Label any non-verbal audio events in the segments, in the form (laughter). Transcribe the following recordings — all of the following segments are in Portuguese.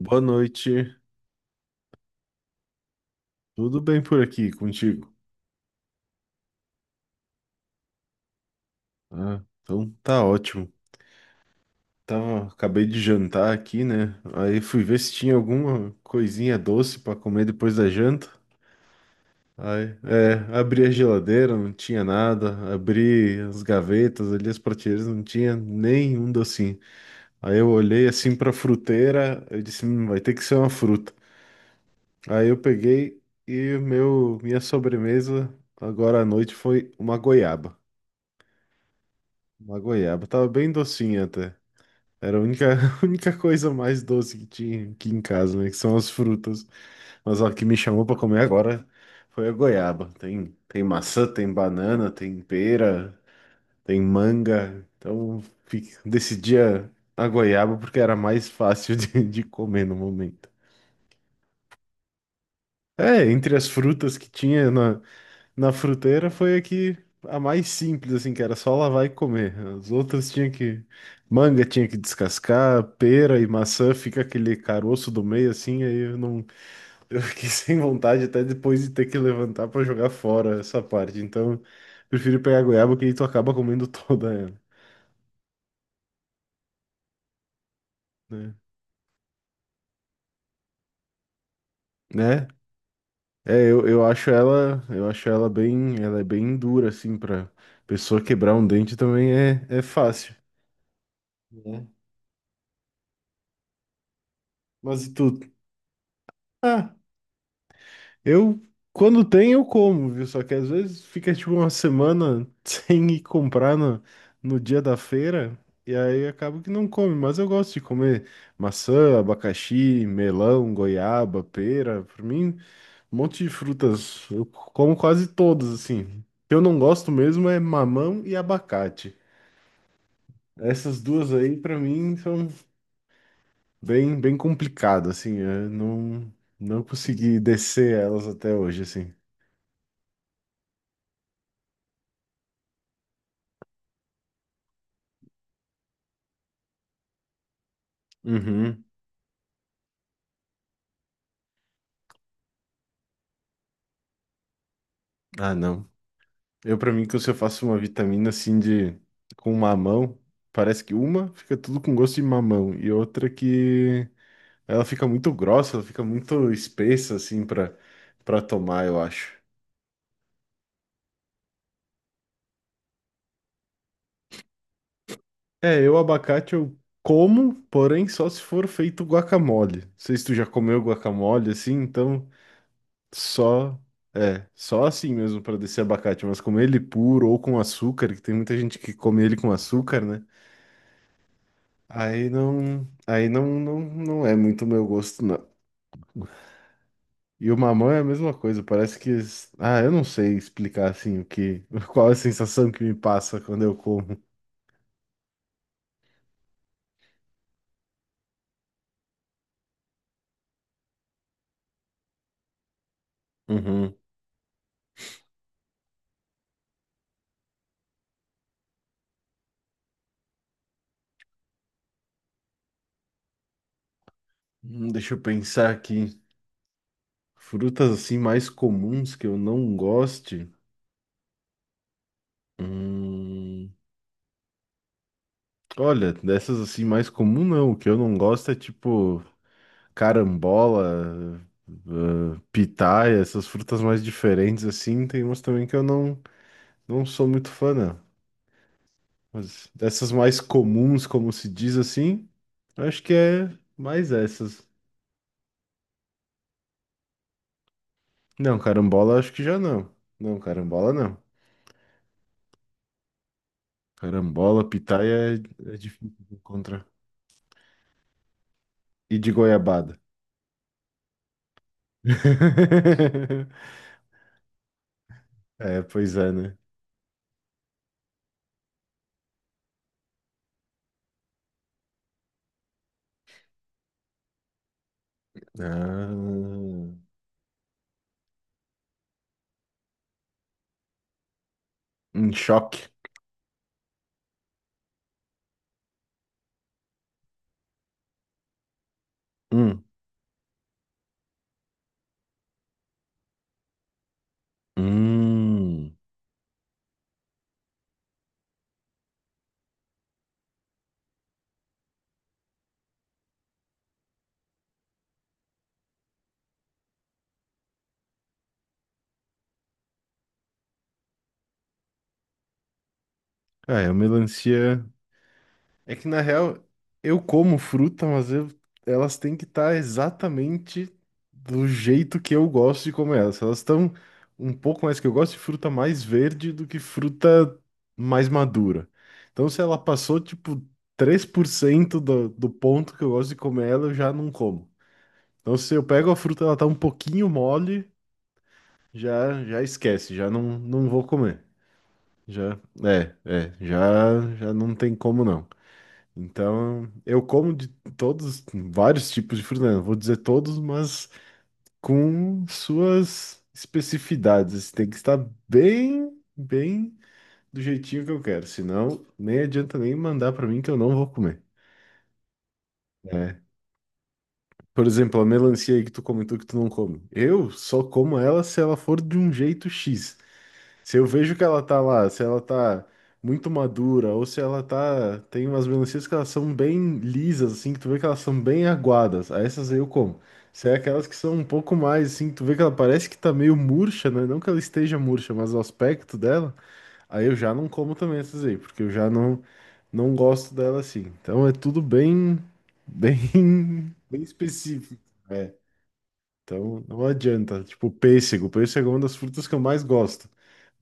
Boa noite. Tudo bem por aqui contigo? Ah, então tá ótimo. Tava, acabei de jantar aqui, né? Aí fui ver se tinha alguma coisinha doce pra comer depois da janta. Aí, abri a geladeira, não tinha nada. Abri as gavetas ali, as prateleiras, não tinha nenhum docinho. Aí eu olhei assim pra fruteira, eu disse, vai ter que ser uma fruta." Aí eu peguei e minha sobremesa agora à noite foi uma goiaba. Uma goiaba tava bem docinha até. Era a única, (laughs) a única coisa mais doce que tinha aqui em casa, né? Que são as frutas. Mas ó, o que me chamou pra comer agora foi a goiaba. Tem maçã, tem banana, tem pera, tem manga. Então decidi a goiaba porque era mais fácil (laughs) de comer no momento. É, entre as frutas que tinha na fruteira foi a que a mais simples, assim, que era só lavar e comer. As outras tinha que. Manga tinha que descascar, pera e maçã fica aquele caroço do meio, assim, aí eu não. Eu fiquei (laughs) sem vontade até depois de ter que levantar pra jogar fora essa parte. Então, eu prefiro pegar goiaba, que aí tu acaba comendo (laughs) toda ela, né? Né? É, eu acho ela, eu acho ela bem, ela é bem dura, assim, pra pessoa quebrar um dente também é fácil, né? Mas e tudo. Eu, quando tem, eu como, viu? Só que às vezes fica tipo uma semana (laughs) sem ir comprar no dia da feira, e aí acabo que não come. Mas eu gosto de comer maçã, abacaxi, melão, goiaba, pera. Pra mim, um monte de frutas. Eu como quase todas, assim. O que eu não gosto mesmo é mamão e abacate. Essas duas aí, pra mim, são bem, bem complicadas, assim. Eu não consegui descer elas até hoje, assim. Uhum. Ah, não. Eu, pra mim, que se eu faço uma vitamina assim de com mamão, parece que uma fica tudo com gosto de mamão e outra que ela fica muito grossa, ela fica muito espessa assim pra para tomar, eu acho. É, eu abacate eu como, porém só se for feito guacamole. Não sei se tu já comeu guacamole assim, então só só assim mesmo pra descer abacate, mas comer ele puro ou com açúcar, que tem muita gente que come ele com açúcar, né? Aí não, não, não é muito o meu gosto, não. E o mamão é a mesma coisa, parece que, eu não sei explicar assim o que, (laughs) qual a sensação que me passa quando eu como. Uhum. Deixa eu pensar aqui. Frutas assim mais comuns que eu não goste. Hum, olha, dessas assim mais comum não, o que eu não gosto é tipo carambola, ah, pitaia, essas frutas mais diferentes assim, tem umas também que eu não sou muito fã, não. Mas dessas mais comuns, como se diz assim, eu acho que é mais essas. Não, carambola acho que já não. Não, carambola não. Carambola, pitaia é difícil de encontrar. E de goiabada. (laughs) É, pois é, né? Ah, um choque. Hum. Hum. Ah, é, a melancia. É que na real, eu como fruta, mas elas têm que estar exatamente do jeito que eu gosto de comer elas. Elas estão um pouco mais que eu gosto de fruta mais verde do que fruta mais madura. Então, se ela passou tipo 3% do ponto que eu gosto de comer ela, eu já não como. Então, se eu pego a fruta, ela tá um pouquinho mole, já já esquece, já não vou comer. Já, já já não tem como não. Então, eu como vários tipos de fruta, né? Não vou dizer todos, mas com suas especificidades. Assim, tem que estar bem, bem do jeitinho que eu quero, senão nem adianta nem mandar para mim que eu não vou comer. É. Por exemplo, a melancia aí que tu comentou que tu não come. Eu só como ela se ela for de um jeito X. Se eu vejo que ela tá lá, se ela tá muito madura, ou se ela tá. Tem umas melancias que elas são bem lisas, assim, que tu vê que elas são bem aguadas. Aí essas aí eu como. Se é aquelas que são um pouco mais, assim, tu vê que ela parece que tá meio murcha, né? Não que ela esteja murcha, mas o aspecto dela, aí eu já não como também essas aí, porque eu já não gosto dela assim. Então é tudo bem, bem, (laughs) bem específico. É. Então não adianta. Tipo, pêssego. Pêssego é uma das frutas que eu mais gosto.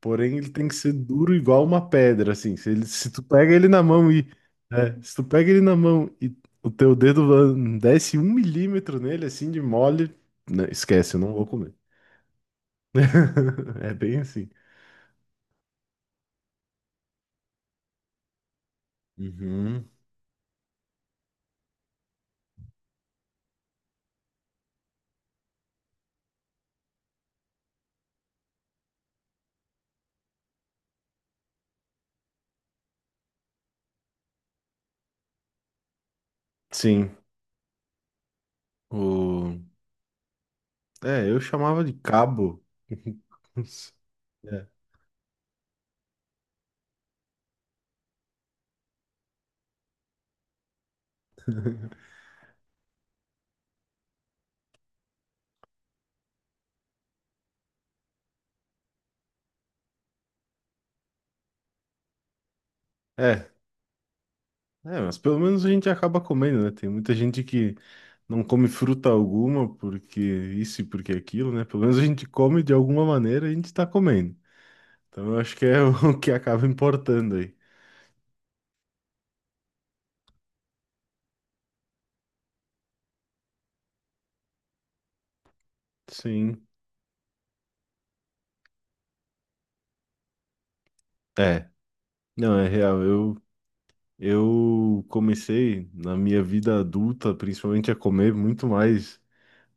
Porém, ele tem que ser duro igual uma pedra, assim. Se ele, se tu pega ele na mão e. É, se tu pega ele na mão e o teu dedo desce um milímetro nele, assim, de mole, né, esquece, eu não vou comer. (laughs) É bem assim. Uhum. Sim. O... É, eu chamava de cabo. (laughs) É. É, é, mas pelo menos a gente acaba comendo, né? Tem muita gente que não come fruta alguma porque isso e porque aquilo, né? Pelo menos a gente come de alguma maneira, a gente tá comendo. Então eu acho que é (laughs) o que acaba importando aí. Sim. É. Não, é real. Eu comecei na minha vida adulta, principalmente a comer muito mais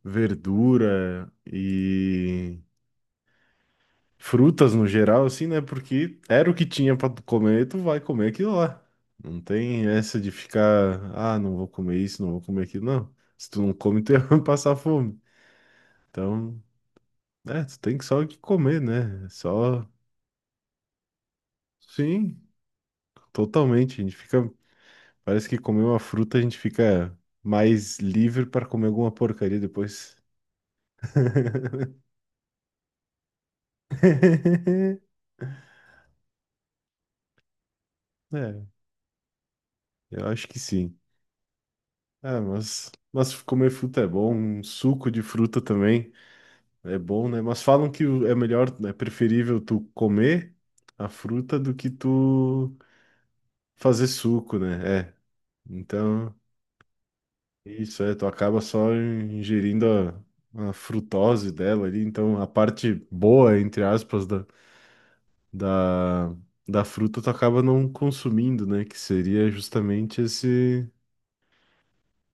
verdura e frutas no geral, assim, né? Porque era o que tinha pra tu comer, tu vai comer aquilo lá. Não tem essa de ficar, ah, não vou comer isso, não vou comer aquilo, não. Se tu não come, tu (laughs) vai passar fome. Então, é, tu tem que só que comer, né? É só. Sim. Totalmente, a gente fica. Parece que comer uma fruta a gente fica mais livre para comer alguma porcaria depois. (laughs) É, eu acho que sim. Ah, mas comer fruta é bom, um suco de fruta também é bom, né? Mas falam que é melhor, é preferível tu comer a fruta do que tu fazer suco, né? É. Então, isso é, tu acaba só ingerindo a frutose dela ali, então a parte boa, entre aspas, da, da fruta, tu acaba não consumindo, né? Que seria justamente esse,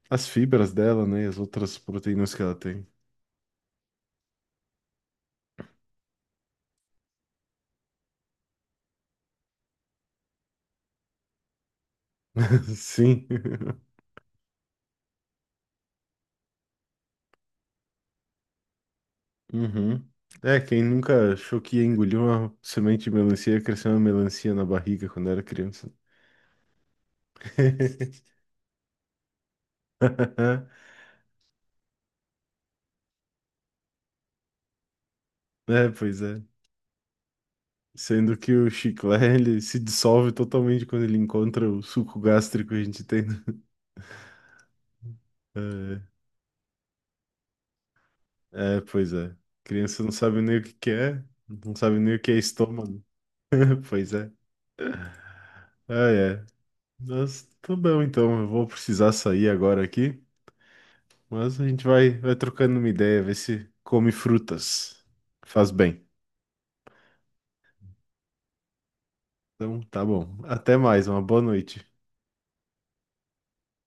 as fibras dela, né? E as outras proteínas que ela tem. (laughs) Sim. Uhum. É, quem nunca achou que ia engolir uma semente de melancia e ia crescer uma melancia na barriga quando era criança. (laughs) É, pois é. Sendo que o chiclé, ele se dissolve totalmente quando ele encontra o suco gástrico que a gente tem. Né? Pois é. Criança não sabe nem o que que é, não sabe nem o que é estômago. Pois é. Ah, é. Mas tá bom, então. Eu vou precisar sair agora aqui. Mas a gente vai trocando uma ideia, ver se come frutas. Faz bem. Então, tá bom. Até mais. Uma boa noite.